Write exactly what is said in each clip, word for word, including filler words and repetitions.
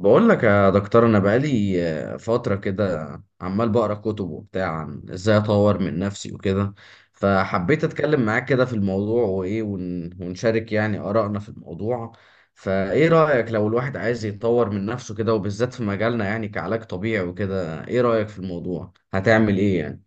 بقول لك يا دكتور انا بقالي آه، فتره كده، عمال بقرا كتب وبتاع عن ازاي اطور من نفسي وكده. فحبيت اتكلم معاك كده في الموضوع وايه ون- ونشارك يعني ارائنا في الموضوع. فايه رايك لو الواحد عايز يتطور من نفسه كده وبالذات في مجالنا يعني كعلاج طبيعي وكده، ايه رايك في الموضوع؟ هتعمل ايه يعني؟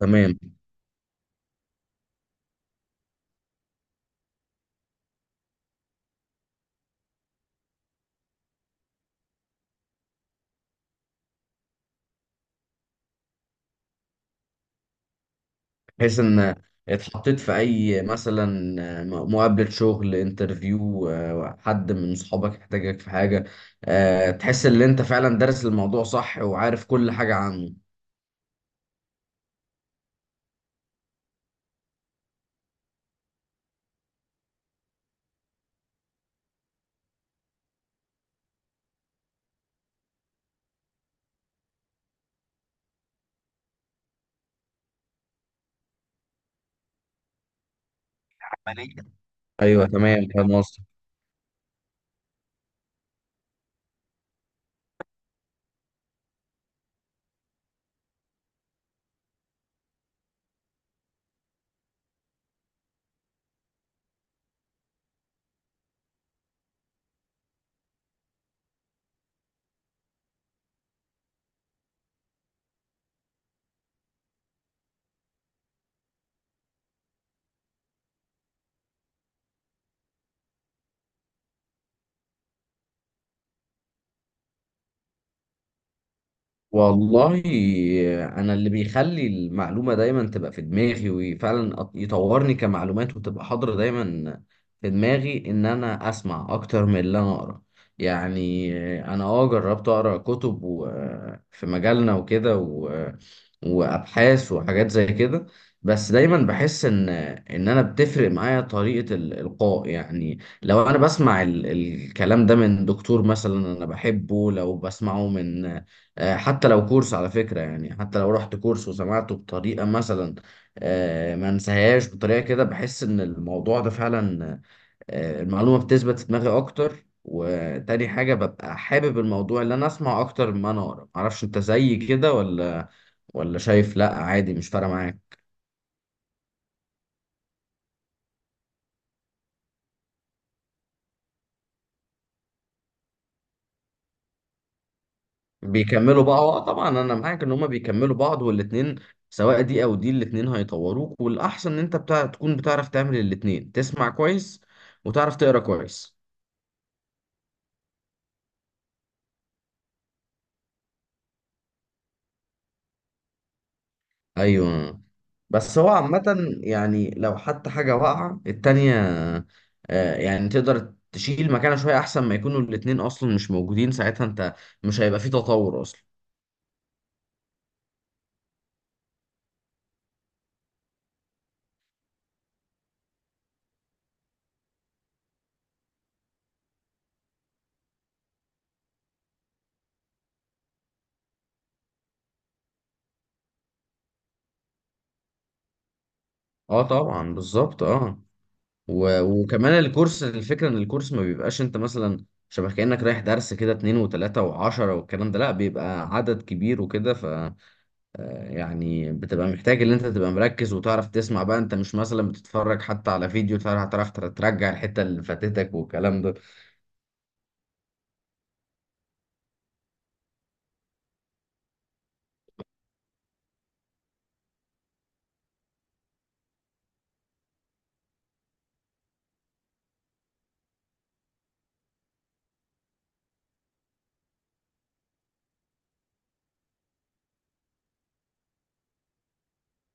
تمام. بحيث ان اتحطيت في اي مثلا مقابلة شغل انترفيو، حد من صحابك يحتاجك في حاجة، آه، تحس ان انت فعلا دارس الموضوع صح وعارف كل حاجة عنه. عملية. ايوه تمام فاهم قصدك. والله انا اللي بيخلي المعلومه دايما تبقى في دماغي وفعلا أط- يطورني كمعلومات وتبقى حاضره دايما في دماغي، ان انا اسمع اكتر من اللي انا اقرا يعني. انا اه جربت اقرا كتب و- في مجالنا وكده و- وابحاث وحاجات زي كده. بس دايما بحس ان ان انا بتفرق معايا طريقه الالقاء يعني. لو انا بسمع ال- الكلام ده من دكتور مثلا انا بحبه، لو بسمعه من آه، حتى لو كورس على فكرة يعني، حتى لو رحت كورس وسمعته بطريقة مثلا آه، ما انساهاش. بطريقة كده بحس ان الموضوع ده فعلا آه، المعلومة بتثبت في دماغي اكتر. وتاني حاجة ببقى حابب الموضوع اللي انا اسمع اكتر ما انا اقرا. معرفش انت زي كده ولا، ولا شايف لا عادي مش فارقة معاك؟ بيكملوا بعض. آه، طبعا انا معاك ان هما بيكملوا بعض والاتنين، سواء دي او دي الاتنين هيطوروك، والاحسن ان انت بتاع تكون بتعرف تعمل الاتنين: تسمع كويس وتعرف تقرا كويس. ايوه. بس هو عامة يعني لو حتى حاجة واقعة التانية آه، يعني تقدر تشيل مكانها شوية. أحسن ما يكونوا الاتنين أصلا مش موجودين، ساعتها أنت مش هيبقى فيه تطور أصلا. أه طبعا بالظبط. أه، و- وكمان الكورس، الفكرة إن الكورس ما بيبقاش أنت مثلا شبه كأنك رايح درس كده اتنين وتلاتة وعشرة والكلام ده، لأ بيبقى عدد كبير وكده. يعني بتبقى محتاج ان انت تبقى مركز وتعرف تسمع بقى. انت مش مثلا بتتفرج حتى على فيديو، تعرف تعرف ترجع الحتة اللي فاتتك والكلام ده.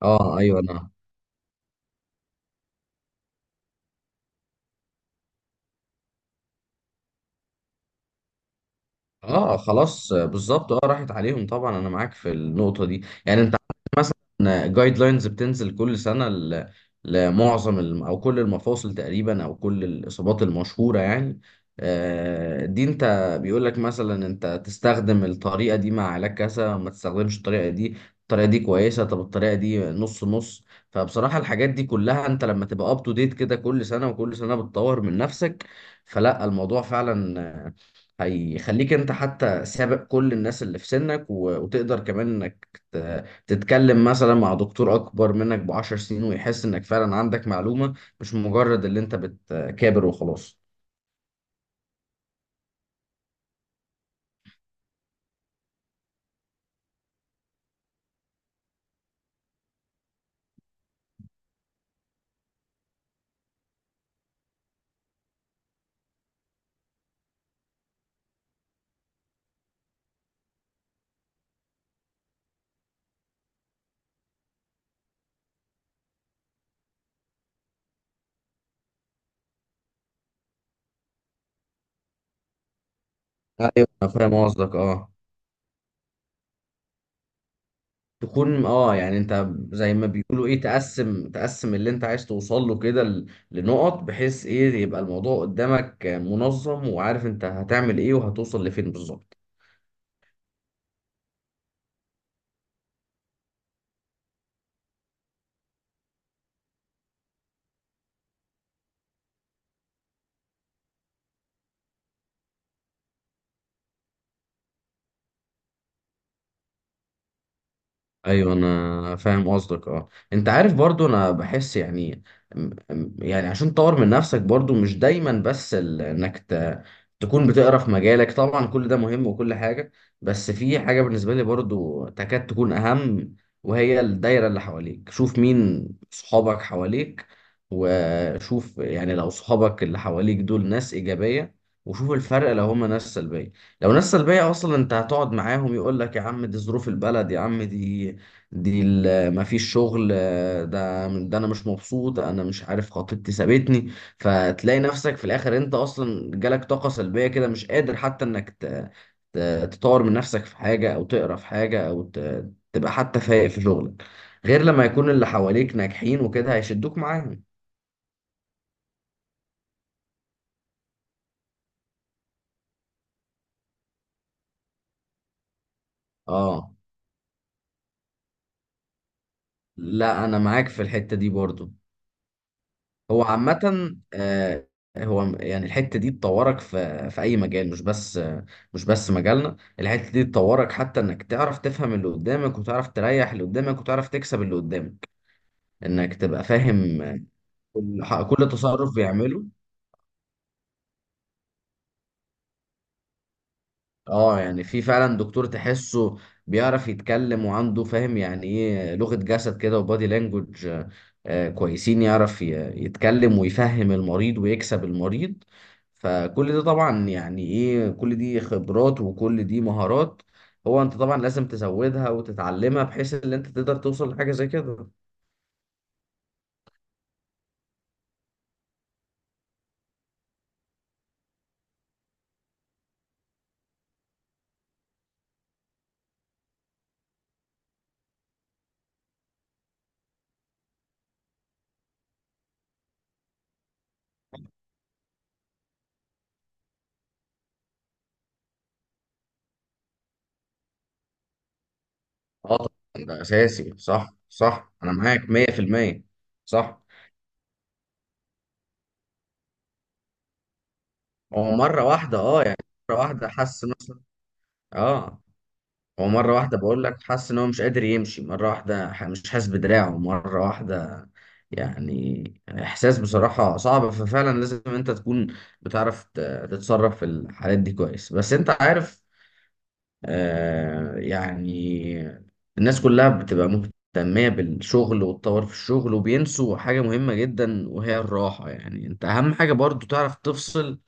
اه ايوه انا. اه خلاص، آه، بالظبط. اه راحت عليهم طبعا. انا معاك في النقطه دي يعني. انت عندك مثلا جايد لاينز بتنزل كل سنه ل- لمعظم الم- او كل المفاصل تقريبا، او كل الاصابات المشهوره يعني. آه، دي انت بيقول لك مثلا انت تستخدم الطريقه دي مع علاج كذا، ما تستخدمش الطريقه دي، الطريقه دي كويسه، طب الطريقه دي نص نص. فبصراحه الحاجات دي كلها انت لما تبقى اب تو ديت كده كل سنه، وكل سنه بتطور من نفسك، فلا الموضوع فعلا هيخليك انت حتى سابق كل الناس اللي في سنك. و- وتقدر كمان انك ت- تتكلم مثلا مع دكتور اكبر منك بعشر سنين ويحس انك فعلا عندك معلومة، مش مجرد اللي انت بتكابر وخلاص. ايوه انا فاهم قصدك اه. تكون اه يعني انت زي ما بيقولوا ايه، تقسم تقسم اللي انت عايز توصل له كده ل- لنقط، بحيث ايه يبقى الموضوع قدامك منظم، وعارف انت هتعمل ايه وهتوصل لفين بالظبط. ايوه انا فاهم قصدك اه. انت عارف برضو انا بحس يعني م- م- يعني عشان تطور من نفسك برضو مش دايما بس ال- انك ت... تكون بتقرا في مجالك طبعا. كل ده مهم وكل حاجة، بس في حاجة بالنسبة لي برضو تكاد تكون اهم، وهي الدايرة اللي حواليك. شوف مين صحابك حواليك، وشوف يعني لو صحابك اللي حواليك دول ناس إيجابية، وشوف الفرق لو هما ناس سلبية. لو ناس سلبية أصلا أنت هتقعد معاهم يقول لك يا عم دي ظروف البلد، يا عم دي دي ال- مفيش شغل، آه، ده ده انا مش مبسوط، انا مش عارف خطيبتي سابتني. فتلاقي نفسك في الاخر انت اصلا جالك طاقة سلبية كده، مش قادر حتى انك ت- ت- تطور من نفسك في حاجة، او تقرا في حاجة، او ت- تبقى حتى فايق في شغلك، غير لما يكون اللي حواليك ناجحين وكده هيشدوك معاهم. اه. لا انا معاك في الحتة دي برضو. هو عامة آه، هو م- يعني الحتة دي تطورك في في أي مجال، مش بس آه، مش بس مجالنا. الحتة دي تطورك حتى إنك تعرف تفهم اللي قدامك، وتعرف تريح اللي قدامك، وتعرف تكسب اللي قدامك. إنك تبقى فاهم آه، كل ح- كل تصرف بيعمله. اه يعني في فعلا دكتور تحسه بيعرف يتكلم وعنده فاهم يعني ايه لغة جسد كده وبادي لانجوج آه، آه، كويسين، يعرف ي- يتكلم ويفهم المريض ويكسب المريض. فكل ده طبعا يعني ايه، كل دي خبرات وكل دي مهارات. هو انت طبعا لازم تزودها وتتعلمها بحيث ان انت تقدر توصل لحاجة زي كده. اه طبعا ده اساسي. صح صح، انا معاك مية في المية. صح. هو مرة واحدة اه يعني، مرة واحدة حس نفسه اه، هو مرة واحدة بقول لك حاسس إن هو مش قادر يمشي، مرة واحدة ح- مش حاسس بدراعه، مرة واحدة يعني. إحساس بصراحة صعب. ففعلا لازم أنت تكون بتعرف ت- تتصرف في الحالات دي كويس. بس أنت عارف آه يعني الناس كلها بتبقى مهتمية بالشغل والتطور في الشغل، وبينسوا حاجة مهمة جدا وهي الراحة. يعني أنت أهم حاجة برضو تعرف تفصل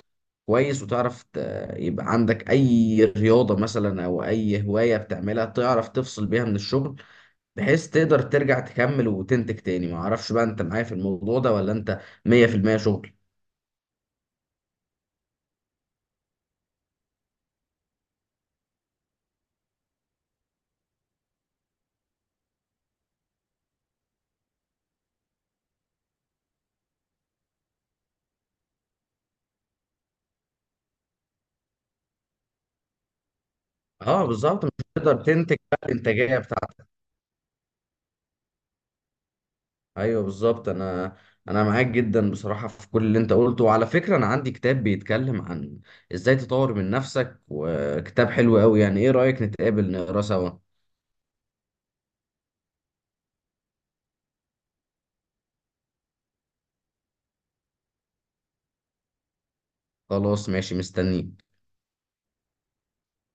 كويس، وتعرف ت- يبقى عندك اي رياضة مثلا او اي هواية بتعملها تعرف تفصل بيها من الشغل، بحيث تقدر ترجع تكمل وتنتج تاني. ما اعرفش بقى انت معايا في الموضوع ده ولا انت مية في المية شغل. اه بالظبط، مش تقدر تنتج بقى الانتاجية بتاعتك. ايوه بالظبط. انا انا معاك جدا بصراحة في كل اللي انت قلته. وعلى فكرة انا عندي كتاب بيتكلم عن ازاي تطور من نفسك، وكتاب حلو قوي يعني. ايه رأيك نتقابل نقرا سوا؟ خلاص ماشي مستنيك.